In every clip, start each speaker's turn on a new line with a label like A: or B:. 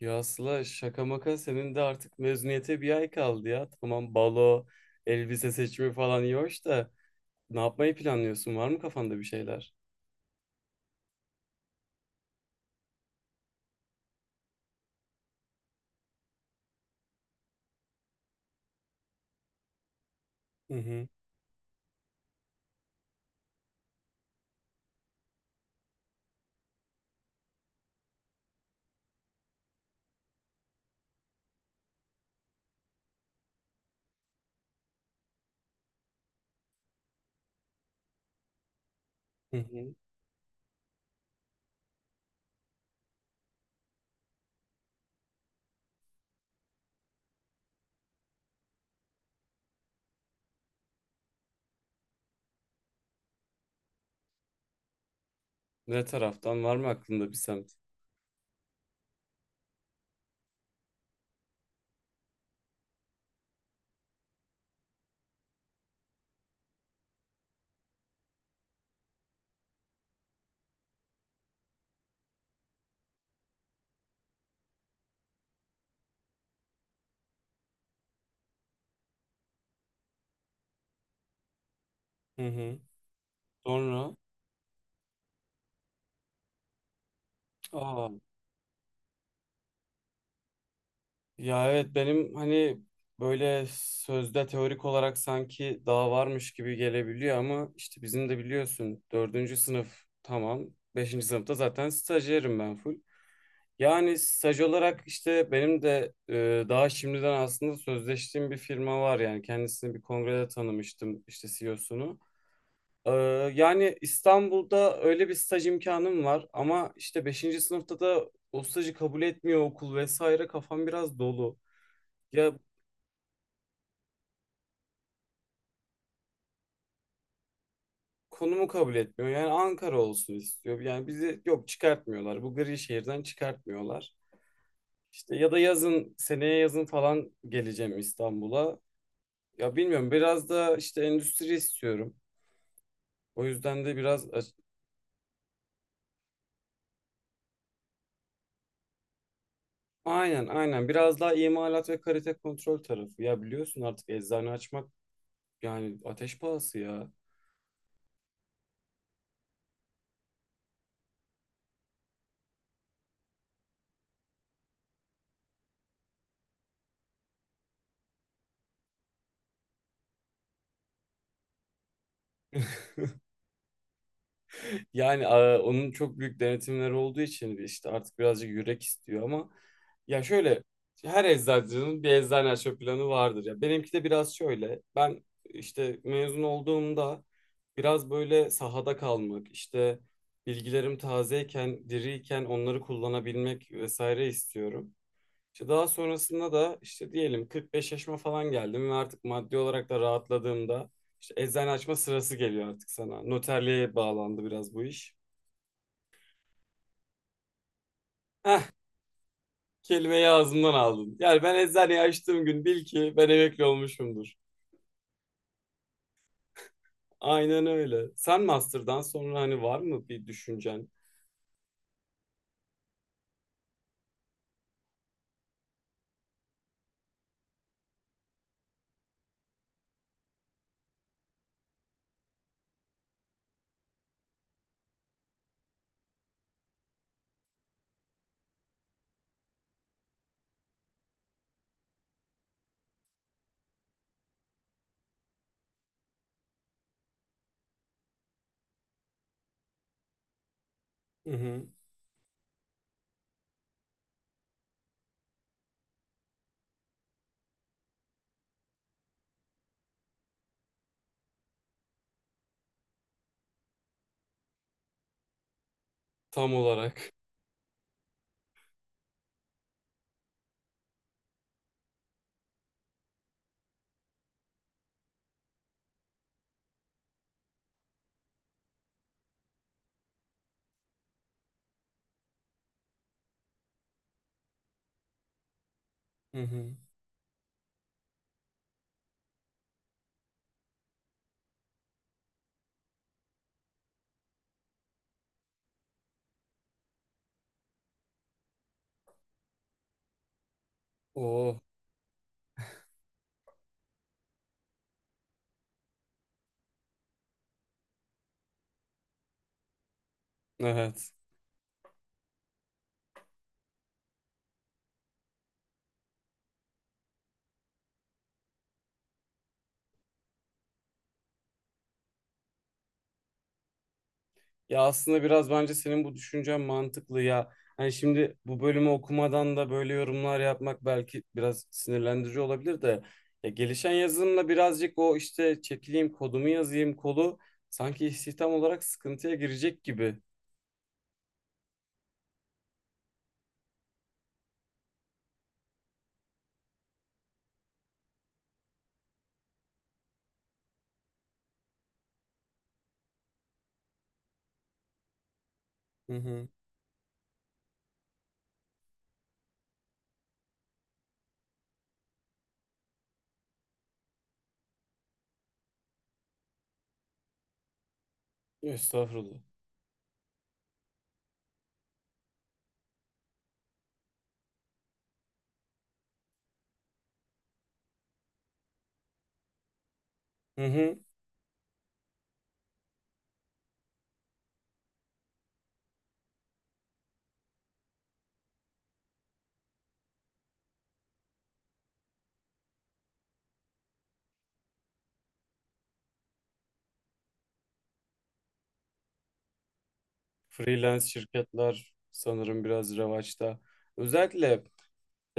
A: Ya Sıla şaka maka senin de artık mezuniyete bir ay kaldı ya. Tamam, balo, elbise seçimi falan iyi hoş da ne yapmayı planlıyorsun? Var mı kafanda bir şeyler? Hı hı. Hı hı. Ne taraftan var mı aklında bir semt? Hı hı. Sonra aa, ya evet benim hani böyle sözde teorik olarak sanki daha varmış gibi gelebiliyor ama işte bizim de biliyorsun dördüncü sınıf tamam. Beşinci sınıfta zaten stajyerim ben full. Yani staj olarak işte benim de daha şimdiden aslında sözleştiğim bir firma var, yani kendisini bir kongrede tanımıştım işte CEO'sunu. Ee, yani İstanbul'da öyle bir staj imkanım var ama işte beşinci sınıfta da o stajı kabul etmiyor okul vesaire, kafam biraz dolu. Ya konumu kabul etmiyor, yani Ankara olsun istiyor, yani bizi yok, çıkartmıyorlar, bu gri şehirden çıkartmıyorlar. İşte ya da yazın, seneye yazın falan geleceğim İstanbul'a. Ya bilmiyorum, biraz da işte endüstri istiyorum. O yüzden de biraz aynen aynen biraz daha imalat ve kalite kontrol tarafı. Ya biliyorsun artık eczane açmak yani ateş pahası ya. Yani a, onun çok büyük denetimleri olduğu için işte artık birazcık yürek istiyor ama ya şöyle, her eczacının bir eczane açma planı vardır ya. Benimki de biraz şöyle. Ben işte mezun olduğumda biraz böyle sahada kalmak, işte bilgilerim tazeyken, diriyken onları kullanabilmek vesaire istiyorum. İşte daha sonrasında da işte diyelim 45 yaşıma falan geldim ve artık maddi olarak da rahatladığımda işte eczane açma sırası geliyor artık sana. Noterliğe bağlandı biraz bu iş. Heh, kelimeyi ağzımdan aldın. Yani ben eczaneyi açtığım gün bil ki ben emekli olmuşumdur. Aynen öyle. Sen master'dan sonra hani var mı bir düşüncen? Hı hı. Tam olarak. Hı hı. Oo, evet. Ya aslında biraz bence senin bu düşüncen mantıklı ya. Hani şimdi bu bölümü okumadan da böyle yorumlar yapmak belki biraz sinirlendirici olabilir de ya, gelişen yazılımla birazcık o işte çekileyim kodumu yazayım kolu sanki istihdam olarak sıkıntıya girecek gibi. Hı hı. Estağfurullah. Hı hı. Freelance şirketler sanırım biraz revaçta. Özellikle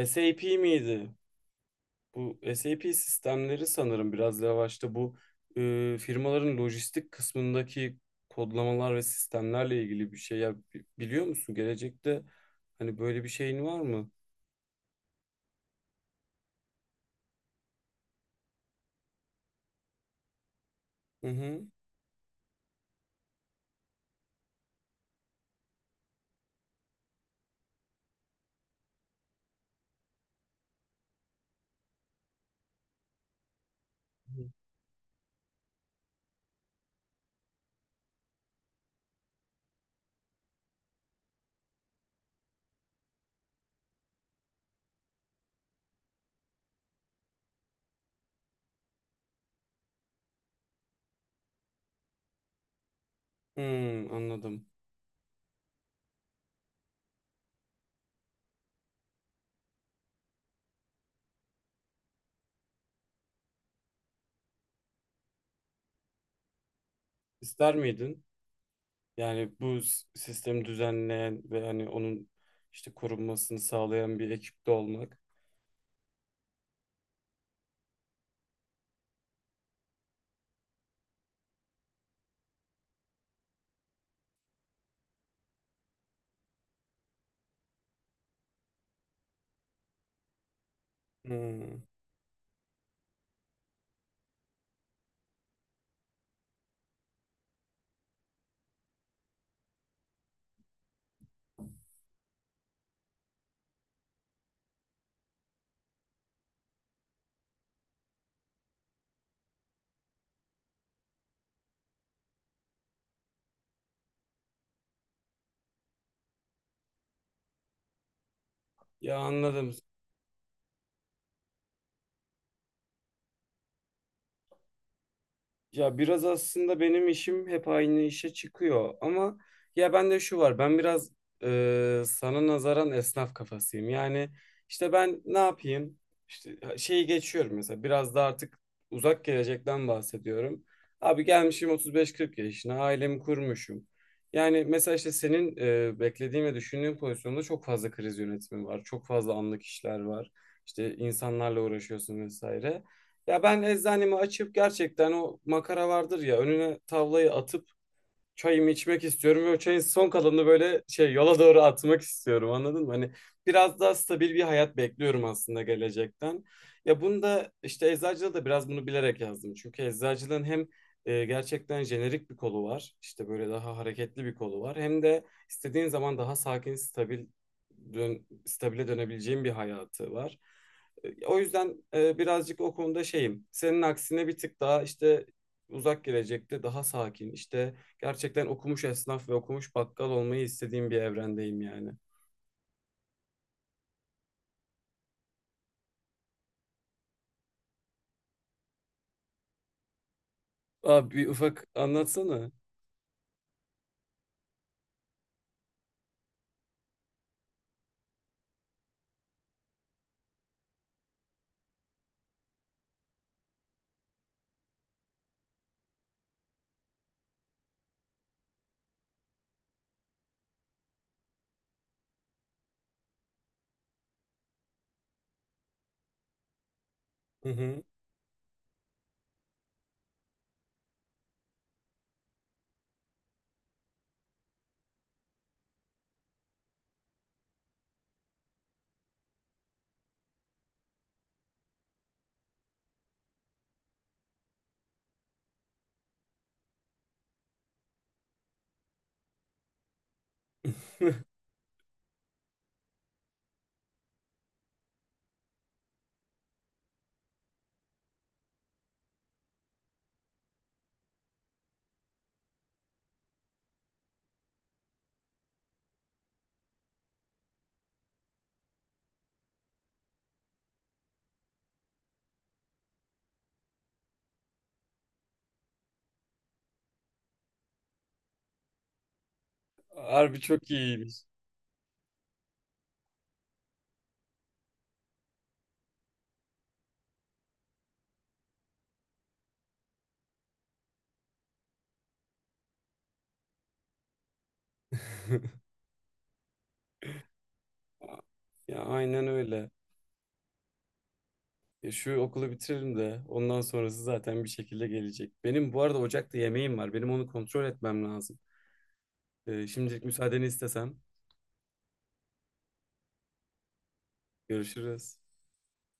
A: SAP miydi? Bu SAP sistemleri sanırım biraz revaçta, bu firmaların lojistik kısmındaki kodlamalar ve sistemlerle ilgili bir şey. Ya, biliyor musun, gelecekte hani böyle bir şeyin var mı? Hı hı. Hmm, anladım. İster miydin? Yani bu sistemi düzenleyen ve hani onun işte korunmasını sağlayan bir ekipte olmak. Hmm. Ya, anladım. Ya biraz aslında benim işim hep aynı işe çıkıyor ama ya bende şu var, ben biraz sana nazaran esnaf kafasıyım. Yani işte ben ne yapayım, işte şeyi geçiyorum, mesela biraz da artık uzak gelecekten bahsediyorum. Abi gelmişim 35-40 yaşına, ailemi kurmuşum. Yani mesela işte senin beklediğin ve düşündüğün pozisyonda çok fazla kriz yönetimi var. Çok fazla anlık işler var. İşte insanlarla uğraşıyorsun vesaire. Ya ben eczanemi açıp gerçekten o makara vardır ya, önüne tavlayı atıp çayımı içmek istiyorum ve o çayın son kalanını böyle şey yola doğru atmak istiyorum, anladın mı? Hani biraz daha stabil bir hayat bekliyorum aslında gelecekten. Ya bunu da işte eczacılığa da biraz bunu bilerek yazdım. Çünkü eczacılığın hem gerçekten jenerik bir kolu var. İşte böyle daha hareketli bir kolu var. Hem de istediğin zaman daha sakin, stabil stabile dönebileceğin bir hayatı var. O yüzden birazcık o konuda şeyim. Senin aksine bir tık daha işte uzak gelecekte daha sakin, işte gerçekten okumuş esnaf ve okumuş bakkal olmayı istediğim bir evrendeyim yani. Abi bir ufak anlatsana. Hı hı. Harbi çok iyiymiş. Ya aynen öyle. Ya şu okulu bitiririm de ondan sonrası zaten bir şekilde gelecek. Benim bu arada ocakta yemeğim var. Benim onu kontrol etmem lazım. Şimdilik müsaadeni istesem. Görüşürüz.